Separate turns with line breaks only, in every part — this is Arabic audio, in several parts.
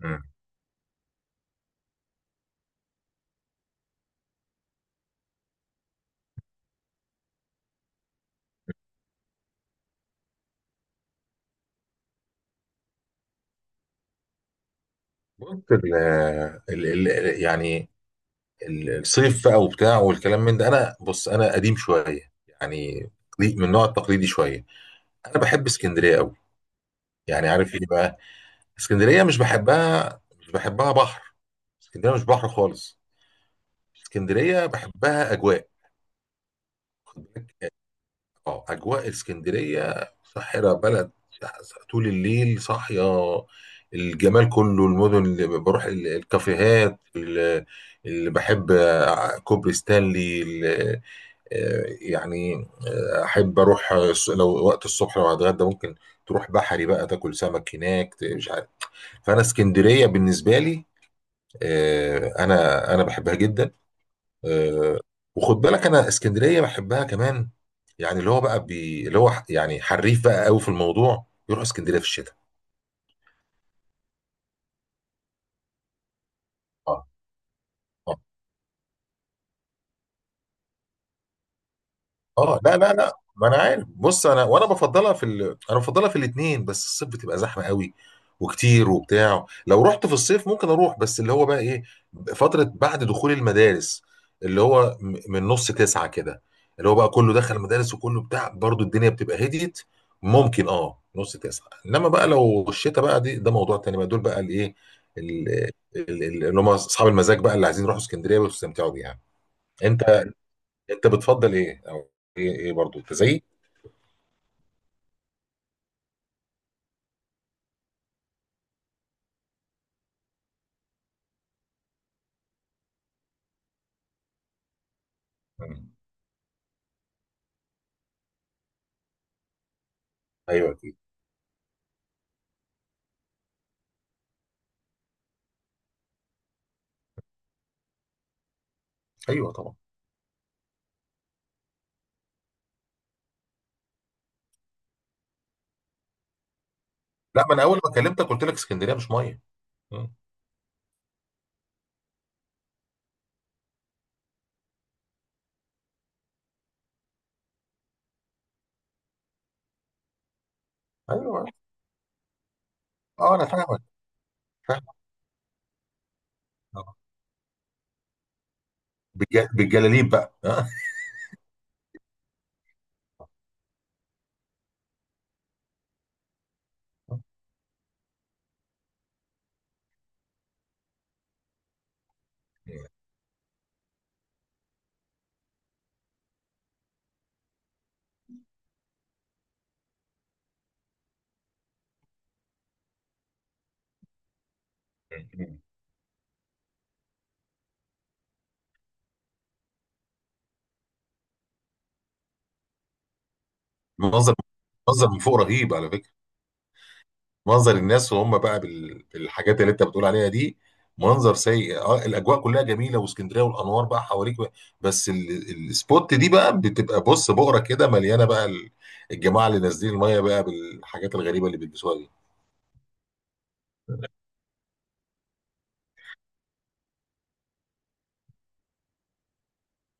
مم. بص يعني الصيف بقى وبتاع والكلام من ده، انا بص انا قديم شويه يعني، من النوع التقليدي شويه. انا بحب اسكندريه قوي، يعني عارف ايه بقى. اسكندريه مش بحبها بحر، اسكندريه مش بحر خالص. اسكندريه بحبها اجواء. اه اجواء اسكندريه ساحره، بلد طول الليل صاحيه. الجمال كله المدن اللي بروح الكافيهات اللي بحب، كوبري ستانلي يعني احب اروح، لو وقت الصبح، لو هتغدى ممكن تروح بحري بقى تاكل سمك هناك، مش عارف. فانا اسكندريه بالنسبه لي، آه، انا انا بحبها جدا. آه، وخد بالك انا اسكندريه بحبها كمان، يعني اللي هو بقى اللي هو يعني حريف بقى قوي في الموضوع، يروح اسكندريه في الشتاء. اه، آه. اه، لا لا لا، ما انا عارف. بص، انا بفضلها في الاثنين، بس الصيف بتبقى زحمه قوي وكتير وبتاع. لو رحت في الصيف ممكن اروح، بس اللي هو بقى ايه، فتره بعد دخول المدارس، اللي هو من نص تسعة كده، اللي هو بقى كله دخل المدارس وكله بتاع برضو الدنيا بتبقى هديت. ممكن نص تسعة، انما بقى لو الشتاء بقى دي، ده موضوع تاني بقى. دول بقى الايه ال- اللي هم اصحاب المزاج بقى، اللي عايزين يروحوا اسكندريه ويستمتعوا بيها. انت أنت بتفضّل إيه، أو إيه برضه، أنت زيي؟ إمم. أيوه أكيد. أيوه طبعًا. لأ، ما أنا أول ما كلمتك قُلت لك اسكندرية مش مَيّة. إمم. أيوه. آه، أنا فاهمك. فاهمك طبعًا. بالجلاليب بقى. آه. إمم، إمم. منظر منظر من فوق رهيب على فكرة. منظر الناس وهُم بقى بالحاجات اللي أنت بتقول عليها دي، منظر سيء. الأجواء كلّها جميلة واسكندرية والأنوار بقى حواليك، و بس الspot دي بقى بتبقى بُص بُقرة كده مليانة بقى الجماعة اللي نازلين المَيّة بقى بالحاجات الغريبة اللي بيلبسوها دي.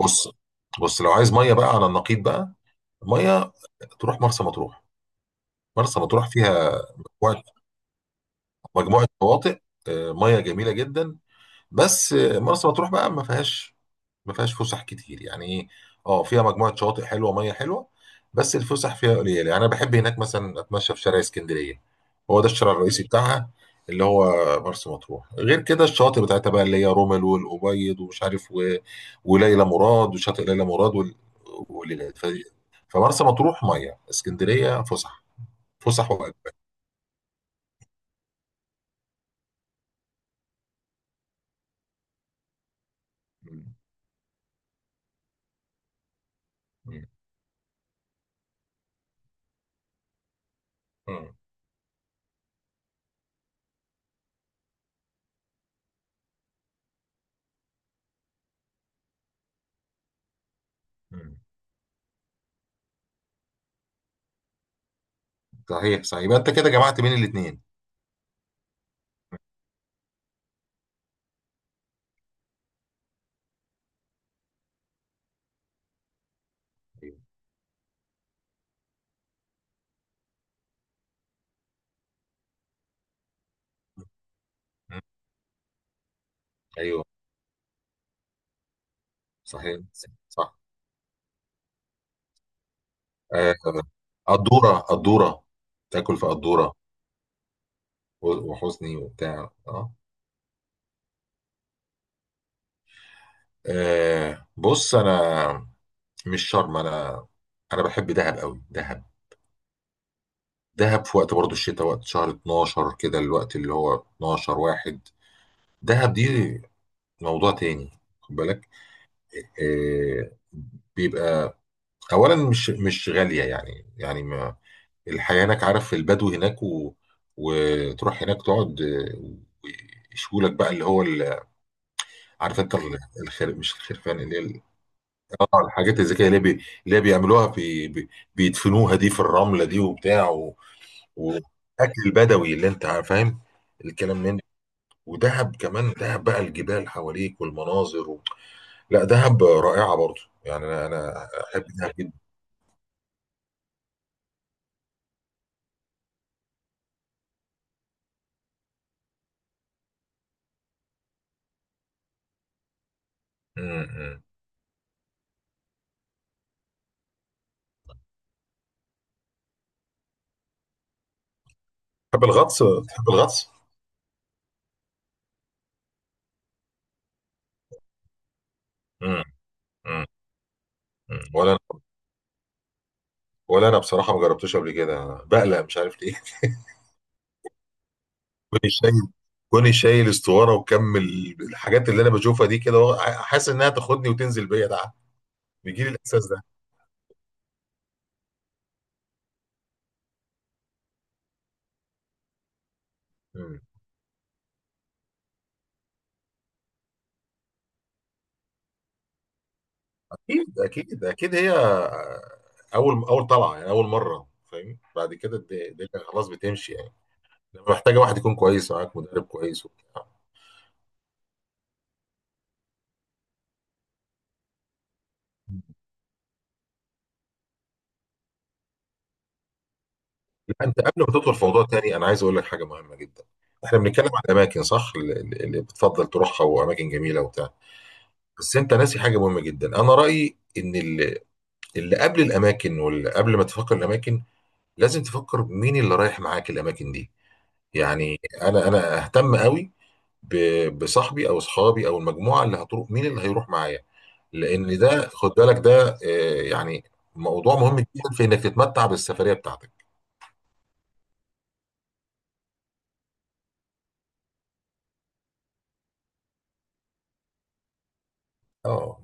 بص، بص لو عايز ميه بقى على النقيض بقى، ميه تروح مرسى مطروح. مرسى مطروح فيها مجموعه مجموعة شواطئ، ميه جميله جدا. بس مرسى مطروح بقى ما فيهاش فسح كتير، يعني ايه. اه فيها مجموعه شواطئ حلوه، ميه حلوه، بس الفسح فيها قليله. يعني انا بحب هناك مثلا اتمشى في شارع اسكندريه، هو ده الشارع الرئيسي بتاعها اللي هو. مرسى مطروح غير كده الشواطئ بتاعتها بقى اللي هي رمل والابيض ومش عارف، و... وليلى مراد وشاطئ ليلى مراد والليلات، فمرسى مطروح ميه، اسكندريه فسح. فسح واجواء. مم. مم. مم. مم. صحيح، صحيح، يبقى انت كده جمعت بين الاثنين. ايوه. مم. أيوة. صحيح، صح. آه، قدورة، قدورة تاكل في قدورة وحزني وبتاع. بص انا مش شرم. انا بحب دهب قوي، دهب. دهب في وقت برضو الشتاء، وقت شهر 12 كده، الوقت اللي هو 12 واحد، دهب دي موضوع تاني. خد بالك آه، بيبقى اولا مش غالية يعني، ما الحياة هناك، عارف البدو هناك، و... وتروح هناك تقعد، ويشوا لك بقى اللي هو، عارف انت الخير، مش الخرفان اللي هي الحاجات الذكيه اللي هي اللي هي بيعملوها بيدفنوها دي في الرمله دي وبتاع، و... واكل بدوي اللي انت فاهم الكلام من ده. ودهب كمان، دهب بقى الجبال حواليك والمناظر. و... لا دهب رائعه برضو يعني، انا احب دهب جدا. امم. تحب الغطس؟ تحب الغطس. امم. امم. ولا انا ولا انا بصراحه ما جربتوش قبل كده، بقلق مش عارف ليه. كوني شايل كوني شايل استواره وكمل. الحاجات اللي انا بشوفها دي كده، هو حاسس انها تاخدني وتنزل بيا ده، بيجي لي الاحساس ده. مم. اكيد اكيد اكيد، هي اول اول طلعه يعني، اول مره. فاهم، بعد كده الدنيا خلاص بتمشي يعني، لما محتاجه واحد يكون كويس معاك، مدرب كويس وبتاع. لا انت قبل ما تدخل في موضوع تاني، انا عايز اقول لك حاجه مهمه جدا. احنا بنتكلم عن اماكن، صح؟ اللي بتفضل تروحها، واماكن جميله وبتاع. بس انت ناسي حاجه مهمه جدا. انا رايي ان ال اللي قبل الاماكن، واللي قبل ما تفكر الاماكن، لازم تفكر مين اللي رايح معاك الاماكن دي. يعني انا اهتم قوي بصاحبي او اصحابي او المجموعه اللي هتروح، مين اللي هيروح معايا. لان ده خد بالك ده يعني موضوع مهم جدا في انك تتمتع بالسفريه بتاعتك. اه.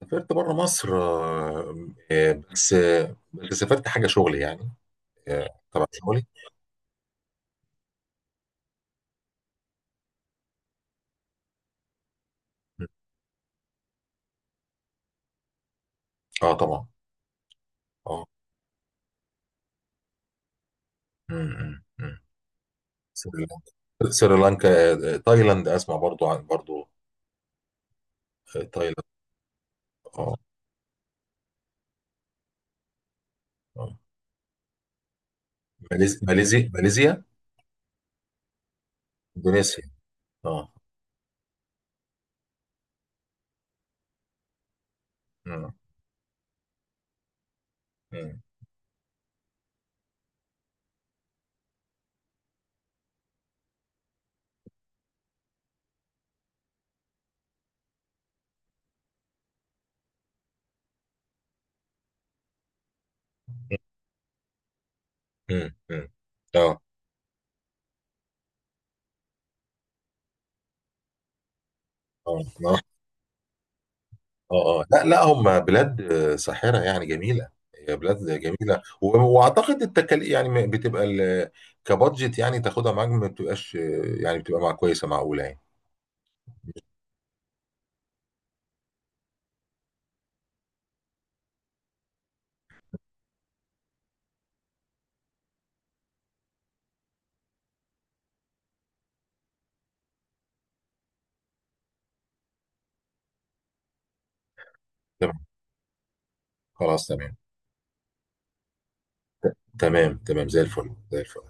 سافرت بره مصر، بس سافرت حاجه شغل يعني. تبع شغلي. اه طبعا. اه. م. سريلانكا سريلانكا، تايلاند، اسمع برضو عن برضو. تايلاند. اه، آه. ماليزيا، ماليزيا، ماليزيا، اندونيسيا. اه. مم. مم. مم. مم. اه، اه، اه، اه، آه. لا، لا، هم بلاد ساحرة يعني جميلة. هي بلاد جميلة، واعتقد التكاليف يعني بتبقى كبادجت يعني تاخدها معاك، ما بتبقاش يعني بتبقى مع كويسة، معقولة يعني. تمام. خلاص تمام. تمام، تمام، زي الفل، زي الفل.